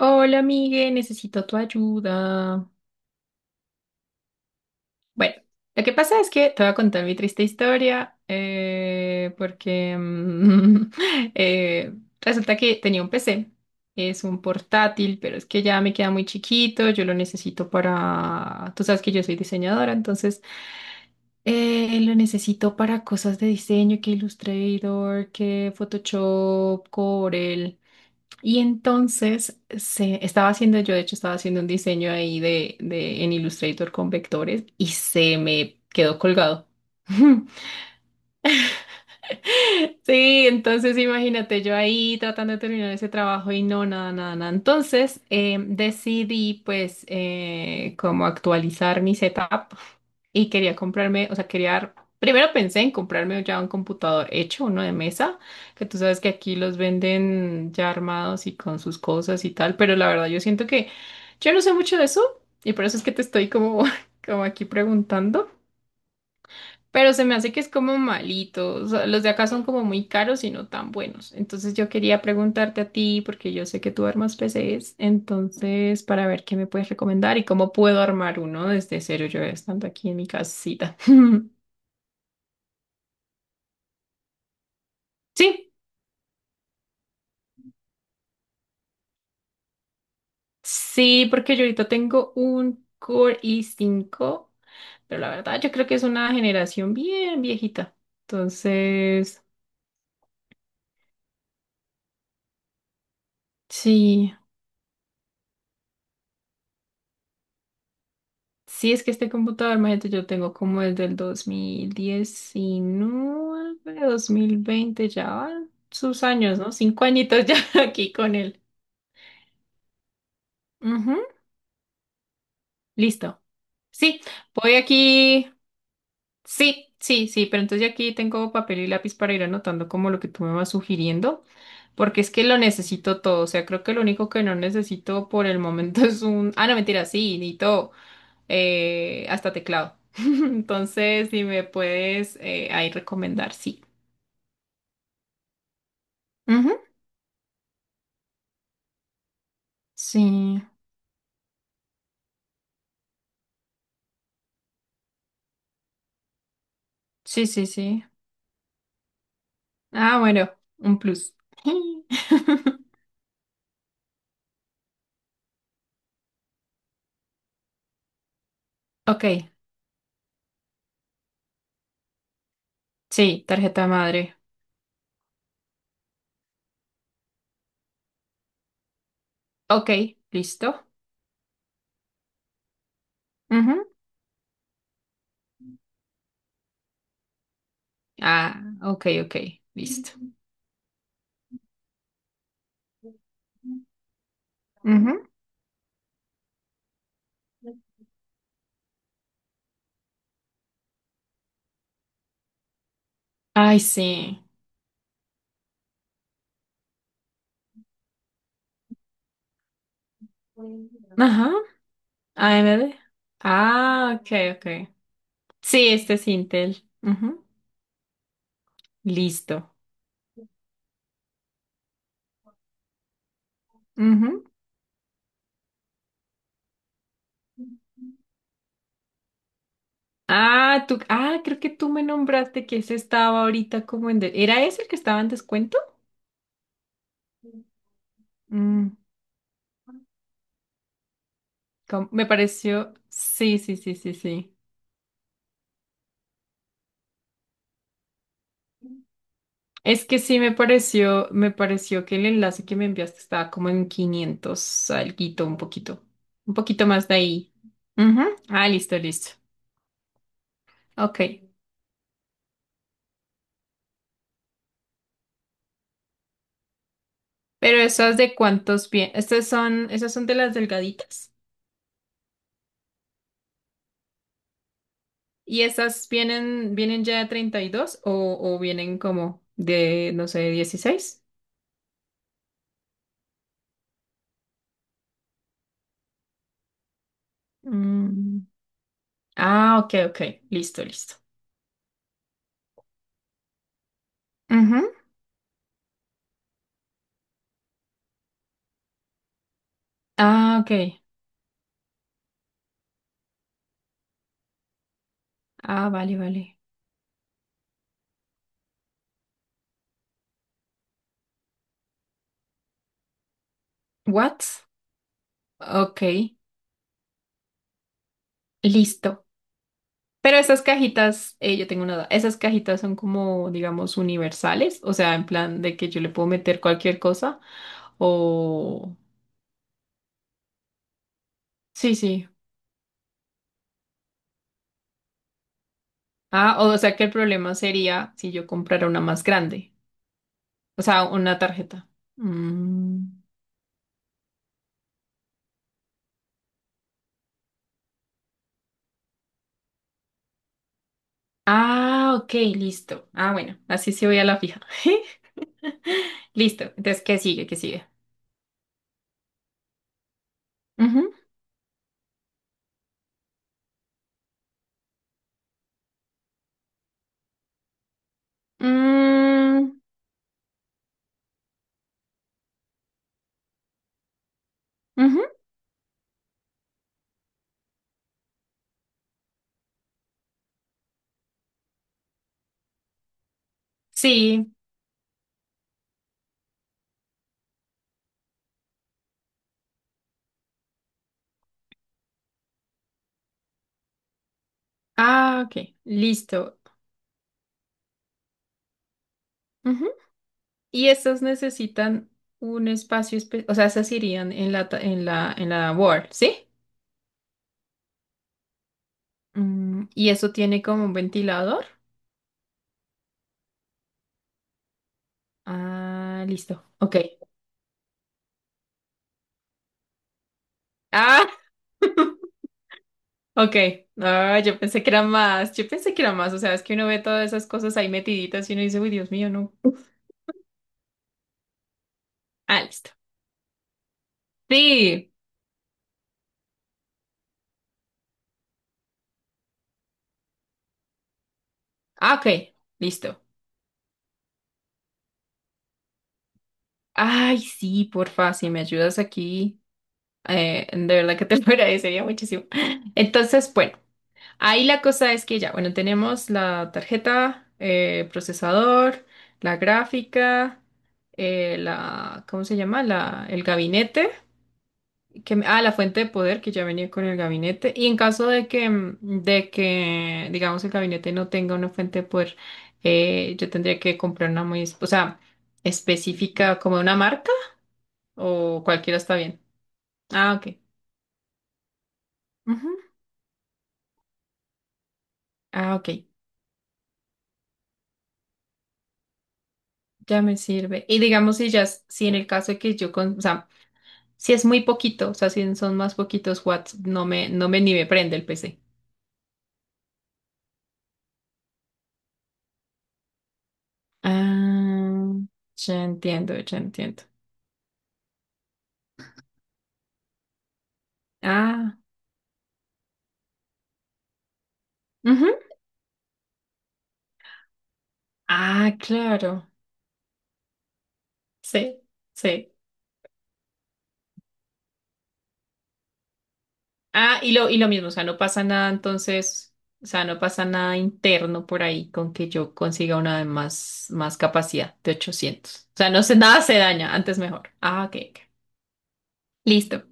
Hola, Migue, necesito tu ayuda. Bueno, lo que pasa es que te voy a contar mi triste historia, porque eh, resulta que tenía un PC, es un portátil, pero es que ya me queda muy chiquito, yo lo necesito para, tú sabes que yo soy diseñadora, entonces lo necesito para cosas de diseño, que Illustrator, que Photoshop, Corel. Y entonces estaba haciendo, yo de hecho estaba haciendo un diseño ahí en Illustrator con vectores y se me quedó colgado. Sí, entonces imagínate yo ahí tratando de terminar ese trabajo y no, nada, nada, nada. Entonces decidí pues como actualizar mi setup y quería comprarme, o sea, quería, primero pensé en comprarme ya un computador hecho, uno de mesa, que tú sabes que aquí los venden ya armados y con sus cosas y tal, pero la verdad yo siento que yo no sé mucho de eso y por eso es que te estoy como, como aquí preguntando. Pero se me hace que es como malito. O sea, los de acá son como muy caros y no tan buenos. Entonces yo quería preguntarte a ti, porque yo sé que tú armas PCs, entonces para ver qué me puedes recomendar y cómo puedo armar uno desde cero yo estando aquí en mi casita. Sí, sí, porque yo ahorita tengo un Core i5, pero la verdad yo creo que es una generación bien viejita. Entonces, sí. Sí, es que este computador, imagínate, yo tengo como desde el 2019, 2020, ya van sus años, ¿no? Cinco añitos ya aquí con él. Ujú. Listo. Sí, voy aquí. Sí, sí, sí, pero entonces ya aquí tengo papel y lápiz para ir anotando como lo que tú me vas sugiriendo, porque es que lo necesito todo. O sea, creo que lo único que no necesito por el momento es un... Ah, no, mentira, sí, necesito. Hasta teclado. Entonces, si me puedes ahí recomendar, sí. Ujú. Sí, sí, sí, sí. Ah, bueno, un plus. Ok, sí, tarjeta madre. Ok, listo. Ujú. Ah, ok, ok, listo. Ujú. Ay, sí. Ajá, AMD. Ah, ok, ok. Sí, este es Intel. Ujú. Listo. Ujú. Ah, tú, ah, creo que tú me nombraste que ese estaba ahorita como en... de- ¿Era ese el que estaba en descuento? Mm, com- me pareció... Sí, sí, sí, sí, sí. Es que sí me pareció que el enlace que me enviaste estaba como en 500, alguito, un poquito más de ahí. Ujú. Ah, listo, listo. Ok. Pero esas de cuántos pies, estas son, esas son de las delgaditas. ¿Y esas vienen, vienen ya de 32 o vienen como de, no sé, dieciséis? Mm. Ah, ok, ok. Listo, listo. Ujú. Ah, ok. Ah, vale, vale. What? Ok, listo. Pero esas cajitas, yo tengo una duda. Esas cajitas son como, digamos, universales, o sea, en plan de que yo le puedo meter cualquier cosa. O... Sí, sí. Ah, o sea que el problema sería si yo comprara una más grande. O sea, una tarjeta. Mm. Ah, ok, listo. Ah, bueno, así sí voy a la fija. Listo. Entonces, ¿qué sigue? ¿Qué sigue? Ujú. Mm, ujú. Sí. Ah, ok, listo. Ujú. Y estas necesitan un espacio especial, o sea, esas irían en la, ta- en la board, ¿sí? Mm, y eso tiene como un ventilador. Ah, listo. Ok. Ah, Ok, ah, yo pensé que era más, yo pensé que era más, o sea, es que uno ve todas esas cosas ahí metiditas y uno dice, uy, Dios mío, no. Ah, listo. Sí, ah, ok, listo. Ay, sí, porfa, si me ayudas aquí, de verdad que te lo agradecería muchísimo. Entonces, bueno, ahí la cosa es que ya, bueno, tenemos la tarjeta, procesador, la gráfica, ¿cómo se llama? La, el gabinete. Que ah, la fuente de poder que ya venía con el gabinete. Y en caso de que, digamos, el gabinete no tenga una fuente de poder, yo tendría que comprar una muy, es- o sea, específica como una marca o cualquiera está bien. Ah, ok. Ujú. Ah, ok. Ya me sirve. Y digamos, si ya, es- si en el caso de que yo con, o sea, si es muy poquito, o sea, si son más poquitos watts, no me ni me prende el PC. Ah, ya entiendo, ya entiendo. Ah, ujú. Ah, claro. Sí, sí. Ah, y lo mismo, o sea, no pasa nada entonces, o sea, no pasa nada interno por ahí con que yo consiga una de más, más capacidad de 800. O sea, no sé, nada se daña, antes mejor. Ah, ok, ok. Listo.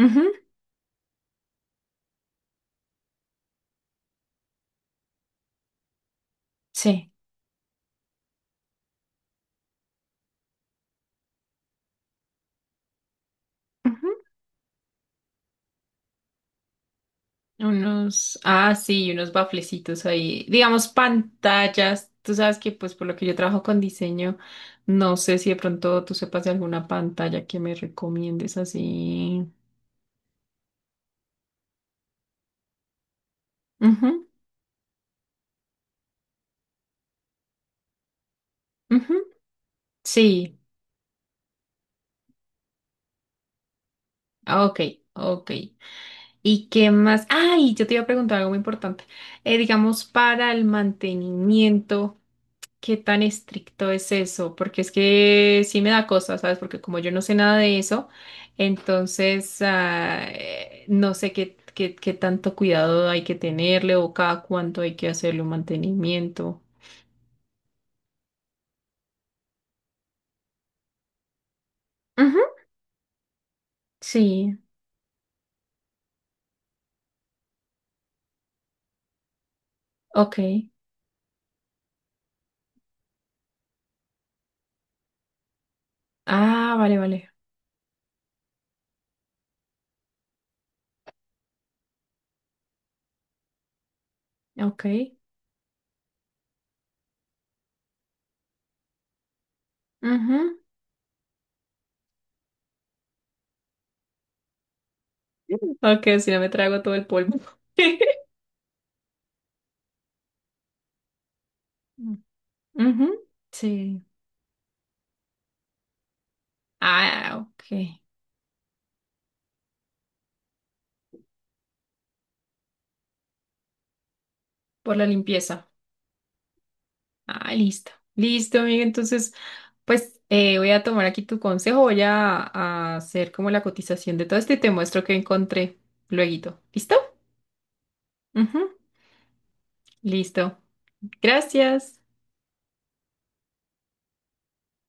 Ujú. Sí. Ujú. Unos, ah, sí, unos baflecitos ahí. Digamos, pantallas. Tú sabes que, pues, por lo que yo trabajo con diseño, no sé si de pronto tú sepas de alguna pantalla que me recomiendes así. Ujú, ujú. Sí, ah, ok, ok. ¿Y qué más? Ay, yo te iba a preguntar algo muy importante. Digamos, para el mantenimiento, ¿qué tan estricto es eso? Porque es que sí me da cosa, ¿sabes? Porque como yo no sé nada de eso, entonces no sé qué tanto cuidado hay que tenerle o cada cuánto hay que hacerle un mantenimiento. Ujú. Sí, ok. Ah, vale, vale. Ok. Ujú. Ok, si no me trago todo el polvo. Mm. Ujú. Sí. Ah, ok. Por la limpieza. Ah, listo. Listo, amiga. Entonces, pues voy a tomar aquí tu consejo. Voy a hacer como la cotización de todo esto y te muestro que encontré lueguito. ¿Listo? Ujú. Listo. Gracias.